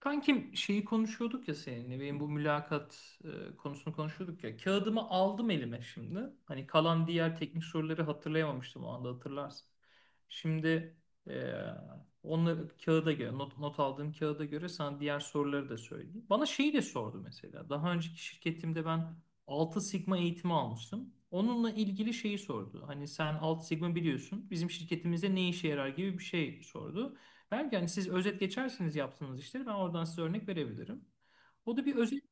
Kankim şeyi konuşuyorduk ya seninle benim bu mülakat konusunu konuşuyorduk ya. Kağıdımı aldım elime şimdi. Hani kalan diğer teknik soruları hatırlayamamıştım o anda hatırlarsın. Şimdi e, onları kağıda göre not aldığım kağıda göre sana diğer soruları da söyleyeyim. Bana şeyi de sordu mesela. Daha önceki şirketimde ben altı Sigma eğitimi almıştım. Onunla ilgili şeyi sordu. Hani sen altı Sigma biliyorsun. Bizim şirketimizde ne işe yarar gibi bir şey sordu. Belki hani siz özet geçersiniz yaptığınız işleri ben oradan size örnek verebilirim. O da bir özet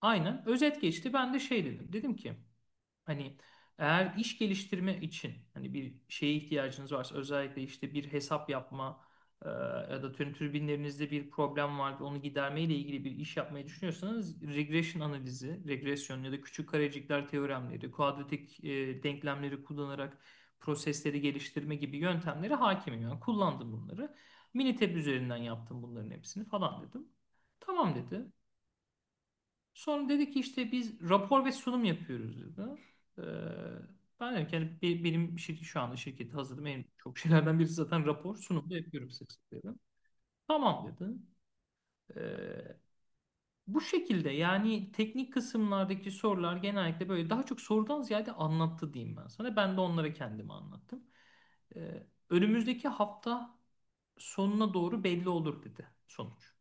aynen özet geçti. Ben de şey dedim. Dedim ki hani eğer iş geliştirme için hani bir şeye ihtiyacınız varsa özellikle işte bir hesap yapma ya da tüm türbinlerinizde bir problem var ve onu giderme ile ilgili bir iş yapmayı düşünüyorsanız regression analizi, regresyon ya da küçük karecikler teoremleri, kuadratik denklemleri kullanarak prosesleri geliştirme gibi yöntemlere hakimim. Yani kullandım bunları. Minitab üzerinden yaptım bunların hepsini falan dedim. Tamam dedi. Sonra dedi ki işte biz rapor ve sunum yapıyoruz dedi. Ee, Ben dedim ki yani benim şirket, şu anda şirketi hazırladım. En çok şeylerden birisi zaten rapor, sunum da yapıyorum sık sık dedim. Tamam dedi. Ee, Bu şekilde yani teknik kısımlardaki sorular genellikle böyle daha çok sorudan ziyade anlattı diyeyim ben sana. Ben de onlara kendimi anlattım. Önümüzdeki hafta sonuna doğru belli olur dedi sonuç.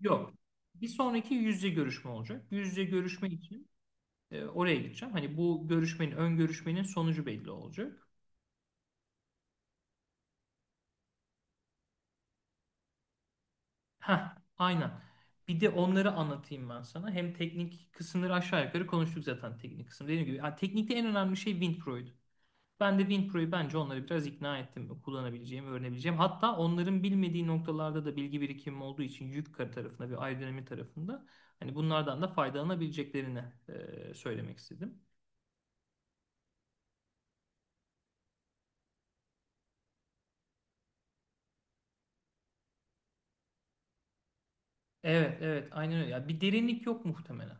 Yok. Bir sonraki yüz yüze görüşme olacak. Yüz yüze görüşme için oraya gideceğim. Hani bu görüşmenin, ön görüşmenin sonucu belli olacak. Ha, aynen. Bir de onları anlatayım ben sana. Hem teknik kısımları aşağı yukarı konuştuk zaten teknik kısım. Dediğim gibi yani teknikte en önemli şey WinPro'ydu. Ben de WinPro'yu bence onları biraz ikna ettim. Kullanabileceğim, öğrenebileceğim. Hatta onların bilmediği noktalarda da bilgi birikimim olduğu için yük tarafında bir aerodinami tarafında hani bunlardan da faydalanabileceklerini söylemek istedim. Evet, evet, aynen öyle. Ya bir derinlik yok muhtemelen.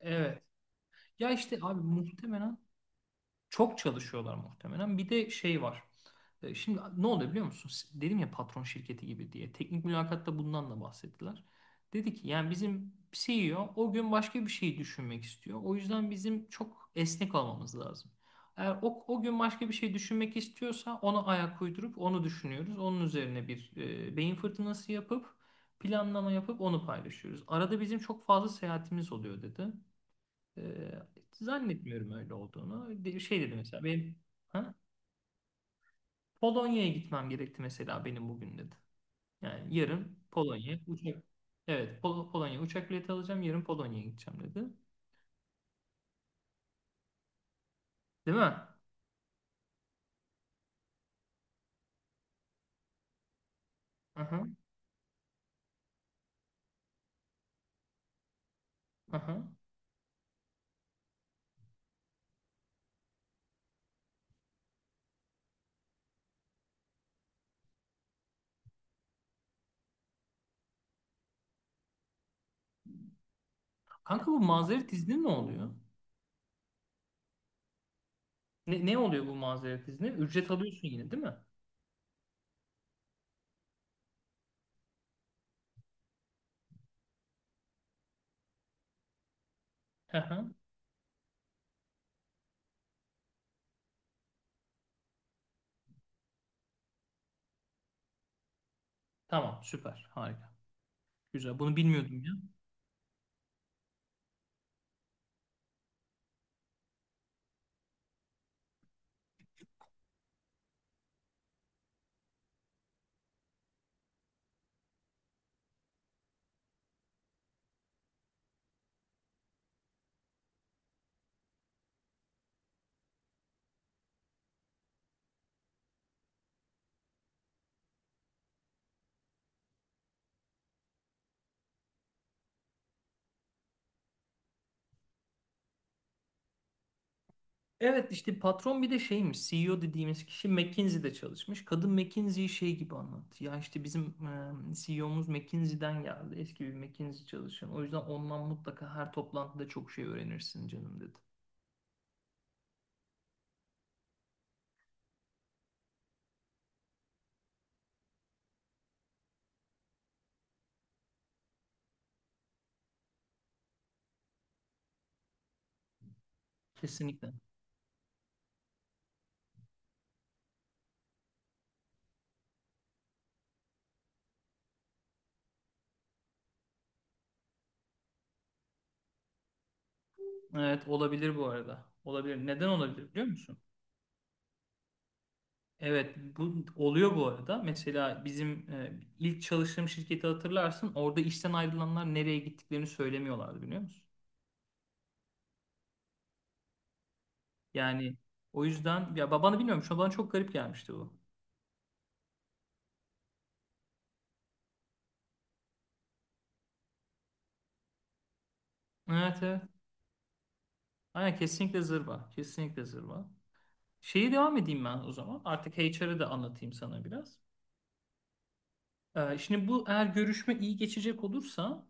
Evet. Ya işte abi muhtemelen çok çalışıyorlar muhtemelen. Bir de şey var. Şimdi ne oluyor biliyor musun? Dedim ya patron şirketi gibi diye. Teknik mülakatta bundan da bahsettiler. Dedi ki yani bizim CEO o gün başka bir şey düşünmek istiyor. O yüzden bizim çok esnek olmamız lazım. Eğer o gün başka bir şey düşünmek istiyorsa ona ayak uydurup onu düşünüyoruz. Onun üzerine bir beyin fırtınası yapıp planlama yapıp onu paylaşıyoruz. Arada bizim çok fazla seyahatimiz oluyor dedi. Ee, Zannetmiyorum öyle olduğunu. Şey dedi mesela benim ha? Polonya'ya gitmem gerekti mesela benim bugün dedi. Yani yarın Polonya uçak evet Polonya uçak bileti alacağım yarın Polonya'ya gideceğim dedi. Değil mi? Aha, aha. Kanka bu mazeret izni ne oluyor? Ne oluyor bu mazeret izni? Ücret alıyorsun yine değil mi? Aha. Tamam süper harika. Güzel bunu bilmiyordum ya. Evet işte patron bir de şeymiş, CEO dediğimiz kişi McKinsey'de çalışmış. Kadın McKinsey'yi şey gibi anlattı. Ya işte bizim CEO'muz McKinsey'den geldi. Eski bir McKinsey çalışan. O yüzden ondan mutlaka her toplantıda çok şey öğrenirsin canım dedi. Kesinlikle. Evet olabilir bu arada. Olabilir. Neden olabilir biliyor musun? Evet bu oluyor bu arada. Mesela bizim ilk çalıştığım şirketi hatırlarsın. Orada işten ayrılanlar nereye gittiklerini söylemiyorlardı biliyor musun? Yani o yüzden ya babanı bilmiyorum. Şu an bana çok garip gelmişti bu. Evet evet. Aynen kesinlikle zırva. Kesinlikle zırva. Şeyi devam edeyim ben o zaman. Artık HR'ı da anlatayım sana biraz. Şimdi bu eğer görüşme iyi geçecek olursa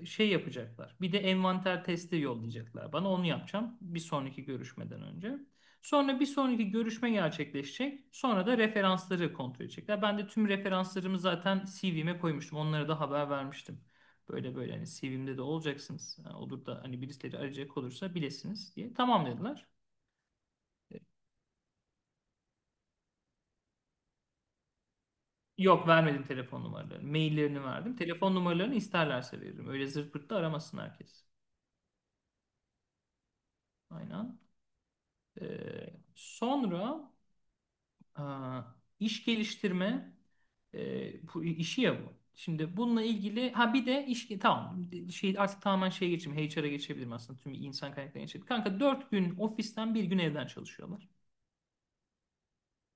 şey yapacaklar. Bir de envanter testi yollayacaklar bana. Onu yapacağım bir sonraki görüşmeden önce. Sonra bir sonraki görüşme gerçekleşecek. Sonra da referansları kontrol edecekler. Ben de tüm referanslarımı zaten CV'me koymuştum. Onlara da haber vermiştim. Böyle böyle hani CV'mde de olacaksınız. Ha, olur da hani birileri arayacak olursa bilesiniz diye. Tamam dediler. Yok vermedim telefon numaralarını. Maillerini verdim. Telefon numaralarını isterlerse veririm. Öyle zırt pırt da aramasın herkes. Aynen. Sonra aa, iş geliştirme bu işi ya bu. Şimdi bununla ilgili ha bir de iş tamam şey artık tamamen şeye geçeyim, HR'a geçebilirim aslında tüm insan kaynaklarına geçebilirim. Kanka 4 gün ofisten bir gün evden çalışıyorlar.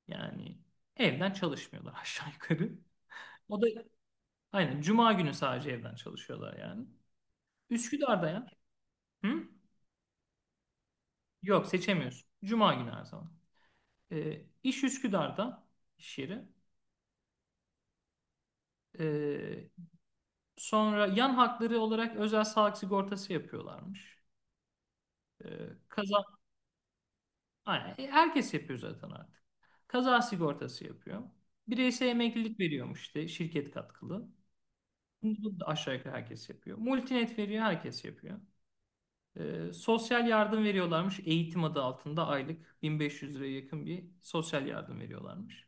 Yani evden çalışmıyorlar aşağı yukarı. O da aynen cuma günü sadece evden çalışıyorlar yani. Üsküdar'da ya. Hı? Yok seçemiyorsun. Cuma günü her zaman. İş Üsküdar'da iş yeri. Ee, Sonra yan hakları olarak özel sağlık sigortası yapıyorlarmış. Ee, Kaza, aynen, herkes yapıyor zaten artık. Kaza sigortası yapıyor. Bireysel emeklilik veriyormuş işte şirket katkılı. Bunu da aşağı yukarı herkes yapıyor. Multinet veriyor herkes yapıyor. Sosyal yardım veriyorlarmış. Eğitim adı altında aylık 1500 liraya yakın bir sosyal yardım veriyorlarmış.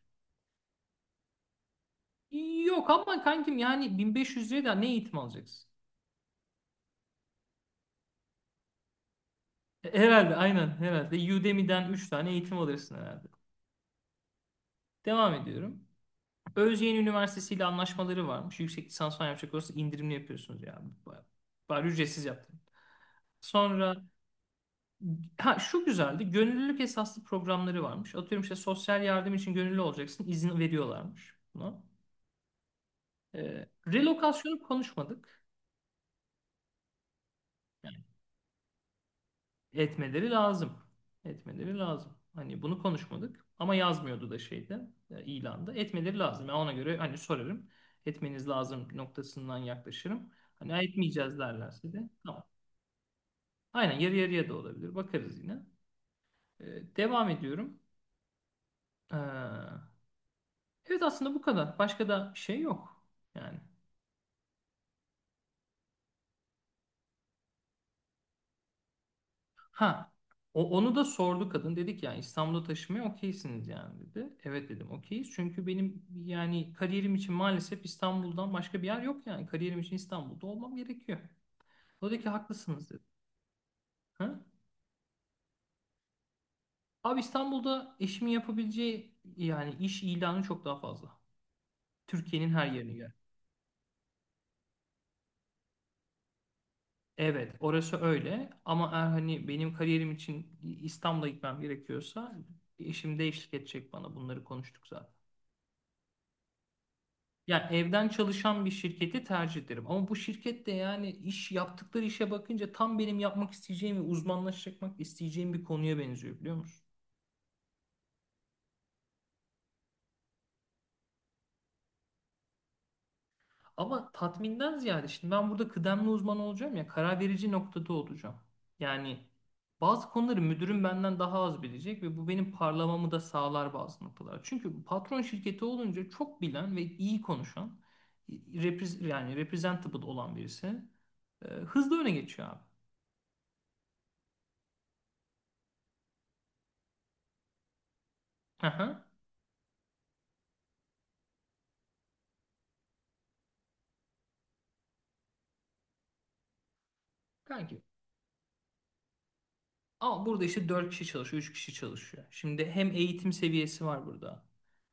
Yok ama kankim yani 1500 liraya da ne eğitim alacaksın? Herhalde aynen herhalde. Udemy'den 3 tane eğitim alırsın herhalde. Devam ediyorum. Özyeğin Üniversitesi ile anlaşmaları varmış. Yüksek lisans falan yapacak olursa indirimli yapıyorsunuz ya. Baya bari ücretsiz yaptım. Sonra ha şu güzeldi. Gönüllülük esaslı programları varmış. Atıyorum işte sosyal yardım için gönüllü olacaksın. İzin veriyorlarmış buna. Relokasyonu konuşmadık. Etmeleri lazım. Etmeleri lazım. Hani bunu konuşmadık ama yazmıyordu da şeyde ilanda. Etmeleri lazım. Yani ona göre hani sorarım. Etmeniz lazım noktasından yaklaşırım. Hani "Ha, etmeyeceğiz" derlerse de tamam. Aynen yarı yarıya da olabilir. Bakarız yine. Devam ediyorum. Ee, evet aslında bu kadar. Başka da bir şey yok. Yani. Ha, onu da sordu kadın. Dedik yani İstanbul'a taşımaya okeysiniz yani dedi. Evet dedim okeyiz. Çünkü benim yani kariyerim için maalesef İstanbul'dan başka bir yer yok yani. Kariyerim için İstanbul'da olmam gerekiyor. O dedi ki haklısınız dedi. Ha? Abi İstanbul'da eşimin yapabileceği yani iş ilanı çok daha fazla. Türkiye'nin her yerine göre. Evet orası öyle ama eğer hani benim kariyerim için İstanbul'a gitmem gerekiyorsa eşim de eşlik edecek bana, bunları konuştuk zaten. Yani evden çalışan bir şirketi tercih ederim. Ama bu şirket de yani iş yaptıkları işe bakınca tam benim yapmak isteyeceğim ve uzmanlaşmak isteyeceğim bir konuya benziyor biliyor musun? Ama tatminden ziyade şimdi ben burada kıdemli uzman olacağım ya, karar verici noktada olacağım. Yani bazı konuları müdürüm benden daha az bilecek ve bu benim parlamamı da sağlar bazı noktalar. Çünkü patron şirketi olunca çok bilen ve iyi konuşan, yani representable olan birisi hızlı öne geçiyor abi. Aha. Kanki ama burada işte 4 kişi çalışıyor, 3 kişi çalışıyor. Şimdi hem eğitim seviyesi var burada.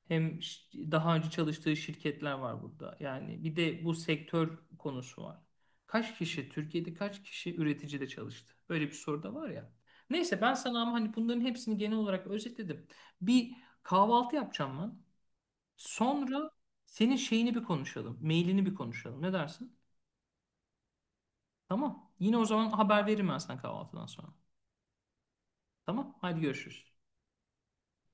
Hem daha önce çalıştığı şirketler var burada. Yani bir de bu sektör konusu var. Kaç kişi, Türkiye'de kaç kişi üreticide çalıştı? Böyle bir soru da var ya. Neyse ben sana ama hani bunların hepsini genel olarak özetledim. Bir kahvaltı yapacağım ben. Sonra senin şeyini bir konuşalım. Mailini bir konuşalım. Ne dersin? Tamam. Yine o zaman haber veririm ben sana kahvaltıdan sonra. Tamam. Hadi görüşürüz.